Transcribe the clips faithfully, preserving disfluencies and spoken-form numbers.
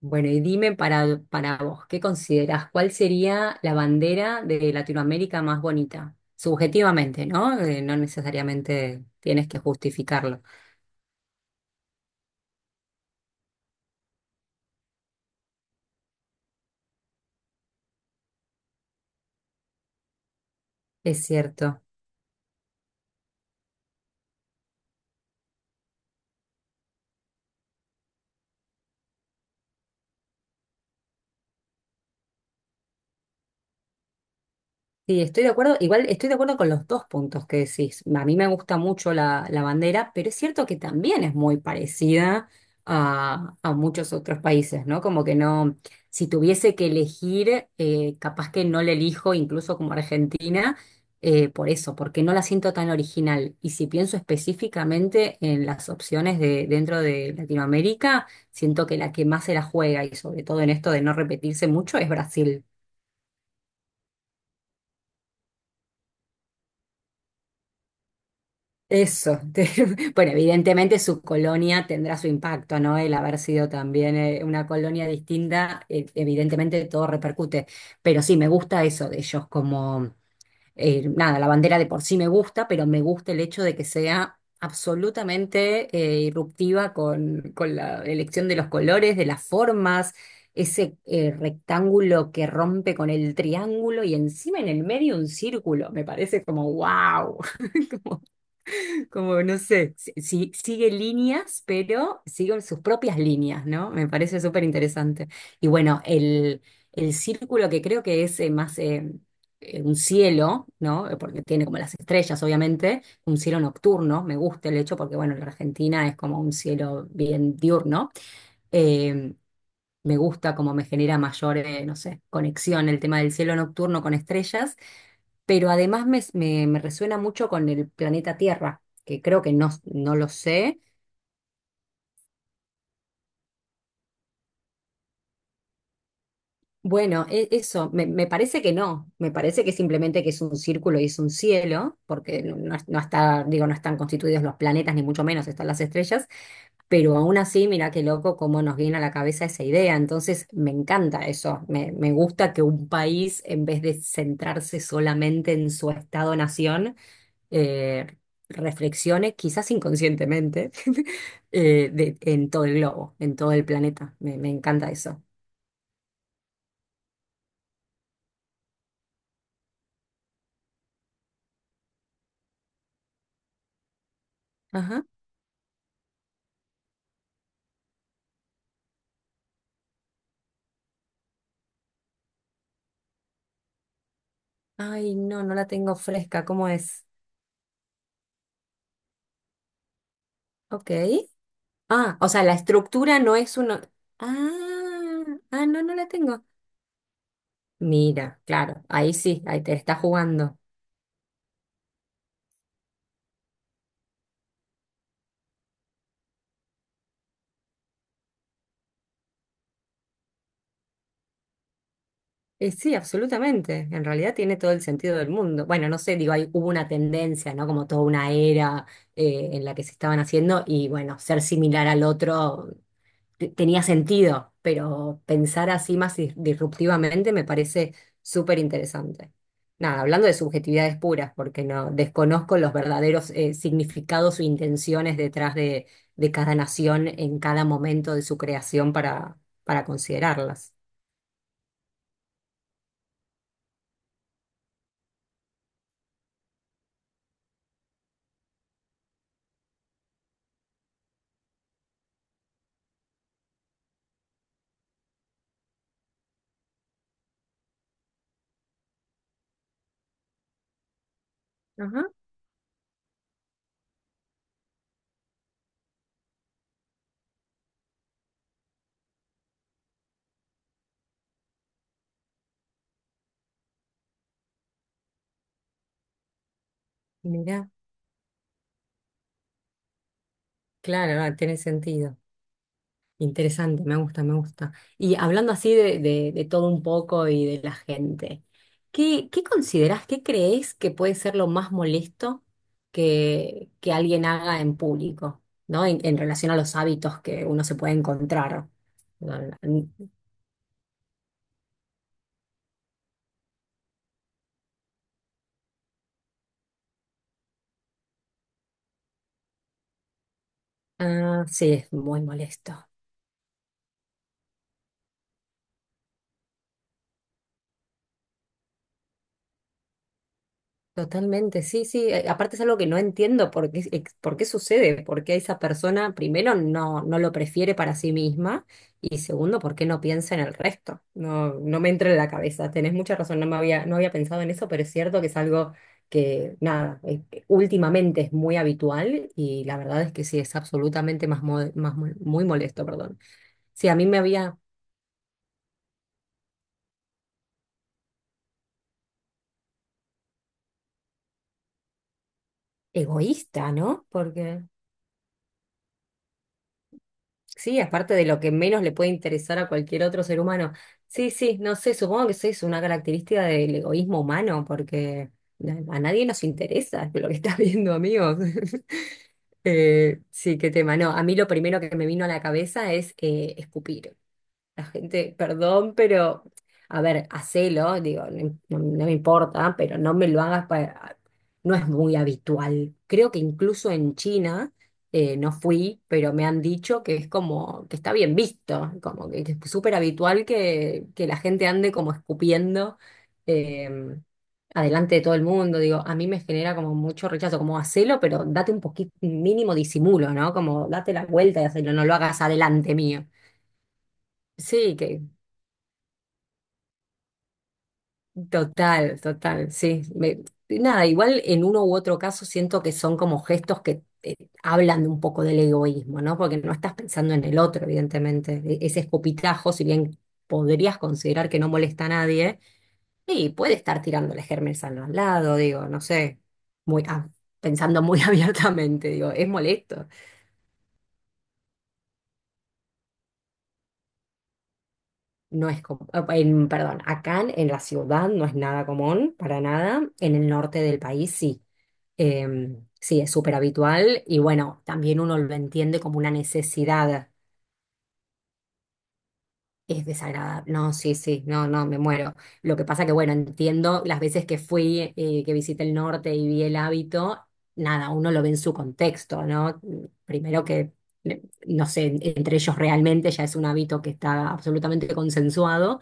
Bueno, y dime para, para vos, ¿qué considerás? ¿Cuál sería la bandera de Latinoamérica más bonita? Subjetivamente, ¿no? Eh, no necesariamente tienes que justificarlo. Es cierto. Sí, estoy de acuerdo. Igual estoy de acuerdo con los dos puntos que decís. A mí me gusta mucho la, la bandera, pero es cierto que también es muy parecida a, a muchos otros países, ¿no? Como que no, si tuviese que elegir, eh, capaz que no la elijo, incluso como Argentina, eh, por eso, porque no la siento tan original. Y si pienso específicamente en las opciones de dentro de Latinoamérica, siento que la que más se la juega, y sobre todo en esto de no repetirse mucho, es Brasil. Eso. te- bueno, evidentemente su colonia tendrá su impacto, ¿no? El haber sido también eh, una colonia distinta, eh, evidentemente todo repercute. Pero sí, me gusta eso de ellos, como, eh, nada, la bandera de por sí me gusta, pero me gusta el hecho de que sea absolutamente eh, irruptiva con, con la elección de los colores, de las formas, ese eh, rectángulo que rompe con el triángulo y encima en el medio un círculo. Me parece como, wow. Como, no sé, si, si- sigue líneas, pero siguen sus propias líneas, ¿no? Me parece súper interesante. Y bueno, el, el círculo que creo que es eh, más eh, eh, un cielo, ¿no? Eh, Porque tiene como las estrellas, obviamente, un cielo nocturno, me gusta el hecho porque, bueno, la Argentina es como un cielo bien diurno. eh, Me gusta, como me genera mayor, eh, no sé, conexión el tema del cielo nocturno con estrellas, pero además me, me- me resuena mucho con el planeta Tierra, que creo que no, no lo sé. Bueno, e- eso, me, me parece que no, me parece que simplemente que es un círculo y es un cielo, porque no, no es- no está, digo, no están constituidos los planetas, ni mucho menos están las estrellas, pero aún así, mira qué loco cómo nos viene a la cabeza esa idea, entonces me encanta eso, me, me gusta que un país, en vez de centrarse solamente en su estado-nación, eh, reflexione, quizás inconscientemente, eh, de- en todo el globo, en todo el planeta, me, me encanta eso. Ay, no, no la tengo fresca. ¿Cómo es? Ok. Ah, o sea, la estructura no es uno. Ah, ah, no, no la tengo. Mira, claro, ahí sí, ahí te está jugando. Eh, sí, absolutamente. En realidad tiene todo el sentido del mundo. Bueno, no sé, digo, hay, hubo una tendencia, ¿no? Como toda una era eh, en la que se estaban haciendo y bueno, ser similar al otro te- tenía sentido, pero pensar así más dis- disruptivamente me parece súper interesante. Nada, hablando de subjetividades puras, porque no desconozco los verdaderos eh, significados o intenciones detrás de, de cada nación en cada momento de su creación para, para considerarlas. Ajá. Mira, claro, no, tiene sentido. Interesante, me gusta, me gusta. Y hablando así de, de- de todo un poco y de la gente, ¿qué, ¿qué considerás, qué crees que puede ser lo más molesto que, que alguien haga en público, ¿no? En, en relación a los hábitos que uno se puede encontrar. Ah, sí, es muy molesto. Totalmente, sí, sí. eh, Aparte es algo que no entiendo por qué, ex- por qué sucede, por qué esa persona primero no, no lo prefiere para sí misma y segundo, por qué no piensa en el resto. No, no me entra en la cabeza. Tenés mucha razón, no me había, no había pensado en eso, pero es cierto que es algo que, nada, eh, eh, últimamente es muy habitual y la verdad es que sí, es absolutamente más, mo- más mo- muy molesto, perdón. Sí, a mí me había egoísta, ¿no? Porque sí, aparte de lo que menos le puede interesar a cualquier otro ser humano. Sí, sí, no sé, supongo que eso es una característica del egoísmo humano, porque a nadie nos interesa lo que estás viendo, amigos. Eh, sí, qué tema. No, a mí lo primero que me vino a la cabeza es eh, escupir. La gente, perdón, pero, a ver, hacelo, digo, no, im- no- no me importa, pero no me lo hagas para... No es muy habitual. Creo que incluso en China, eh, no fui, pero me han dicho que es como, que está bien visto, como que es súper habitual que, que la gente ande como escupiendo eh, adelante de todo el mundo. Digo, a mí me genera como mucho rechazo, como hacelo, pero date un poquito, mínimo disimulo, ¿no? Como date la vuelta y hacelo, no lo hagas adelante mío. Sí, que total, total, sí. Me- nada, igual en uno u otro caso siento que son como gestos que eh, hablan un poco del egoísmo, ¿no? Porque no estás pensando en el otro, evidentemente. E- Ese escopitajo, si bien podrías considerar que no molesta a nadie, y puede estar tirándole gérmenes al lado, digo, no sé, muy, ah, pensando muy abiertamente, digo, es molesto. No es común, en, perdón, acá en en la ciudad no es nada común, para nada. En el norte del país sí. Em, sí, es súper habitual y bueno, también uno lo entiende como una necesidad. Es desagradable. No, sí, sí, no, no, me muero. Lo que pasa que, bueno, entiendo las veces que fui, eh, que visité el norte y vi el hábito, nada, uno lo ve en su contexto, ¿no? Primero que, eh, no sé, entre ellos realmente ya es un hábito que está absolutamente consensuado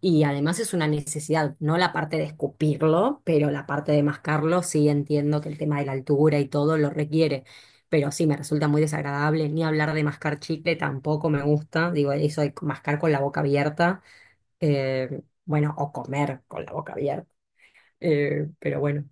y además es una necesidad, no la parte de escupirlo, pero la parte de mascarlo, sí entiendo que el tema de la altura y todo lo requiere. Pero sí, me resulta muy desagradable. Ni hablar de mascar chicle tampoco me gusta. Digo, eso de mascar con la boca abierta. Eh, bueno, o comer con la boca abierta. Eh, pero bueno.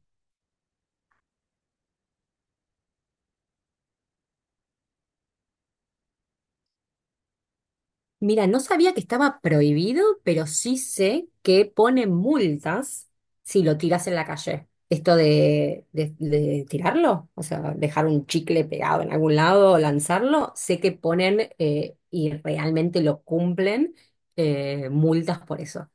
Mira, no sabía que estaba prohibido, pero sí sé que ponen multas si lo tiras en la calle. Esto de, de- de tirarlo, o sea, dejar un chicle pegado en algún lado o lanzarlo, sé que ponen eh, y realmente lo cumplen eh, multas por eso.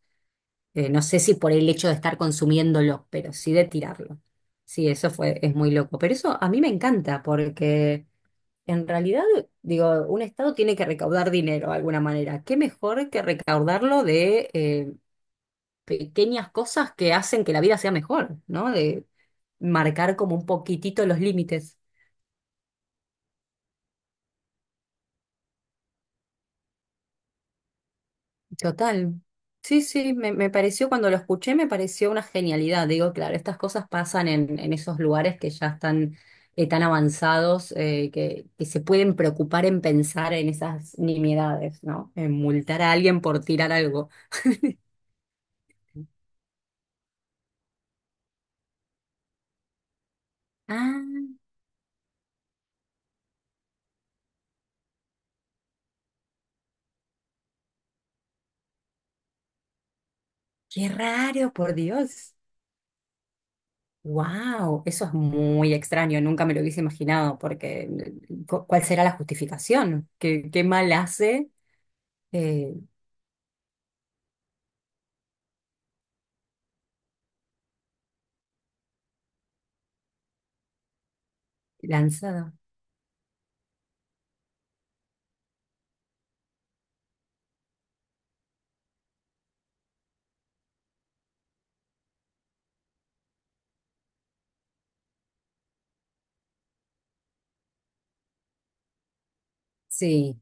Eh, no sé si por el hecho de estar consumiéndolo, pero sí de tirarlo. Sí, eso fue, es muy loco. Pero eso a mí me encanta porque... En realidad, digo, un Estado tiene que recaudar dinero de alguna manera. ¿Qué mejor que recaudarlo de eh, pequeñas cosas que hacen que la vida sea mejor, ¿no? De marcar como un poquitito los límites. Total. Sí, sí, me, me pareció, cuando lo escuché, me pareció una genialidad. Digo, claro, estas cosas pasan en, en esos lugares que ya están eh, tan avanzados, eh, que, que se pueden preocupar en pensar en esas nimiedades, ¿no? En multar a alguien por tirar algo. Ah, qué raro, por Dios. Wow, eso es muy extraño, nunca me lo hubiese imaginado, porque mm, cu- ¿cuál será la justificación? ¿Qué, qué mal hace eh, lanzado? Sí,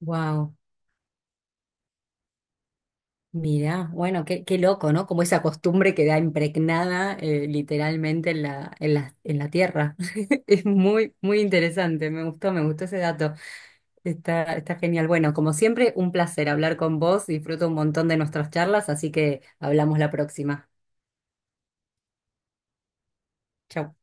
wow, mira, bueno, qué, qué loco, ¿no? Como esa costumbre queda impregnada eh, literalmente en la, en la, en la tierra. Es muy, muy interesante, me gustó, me gustó ese dato. Está, está genial. Bueno, como siempre, un placer hablar con vos, disfruto un montón de nuestras charlas, así que hablamos la próxima. Chao.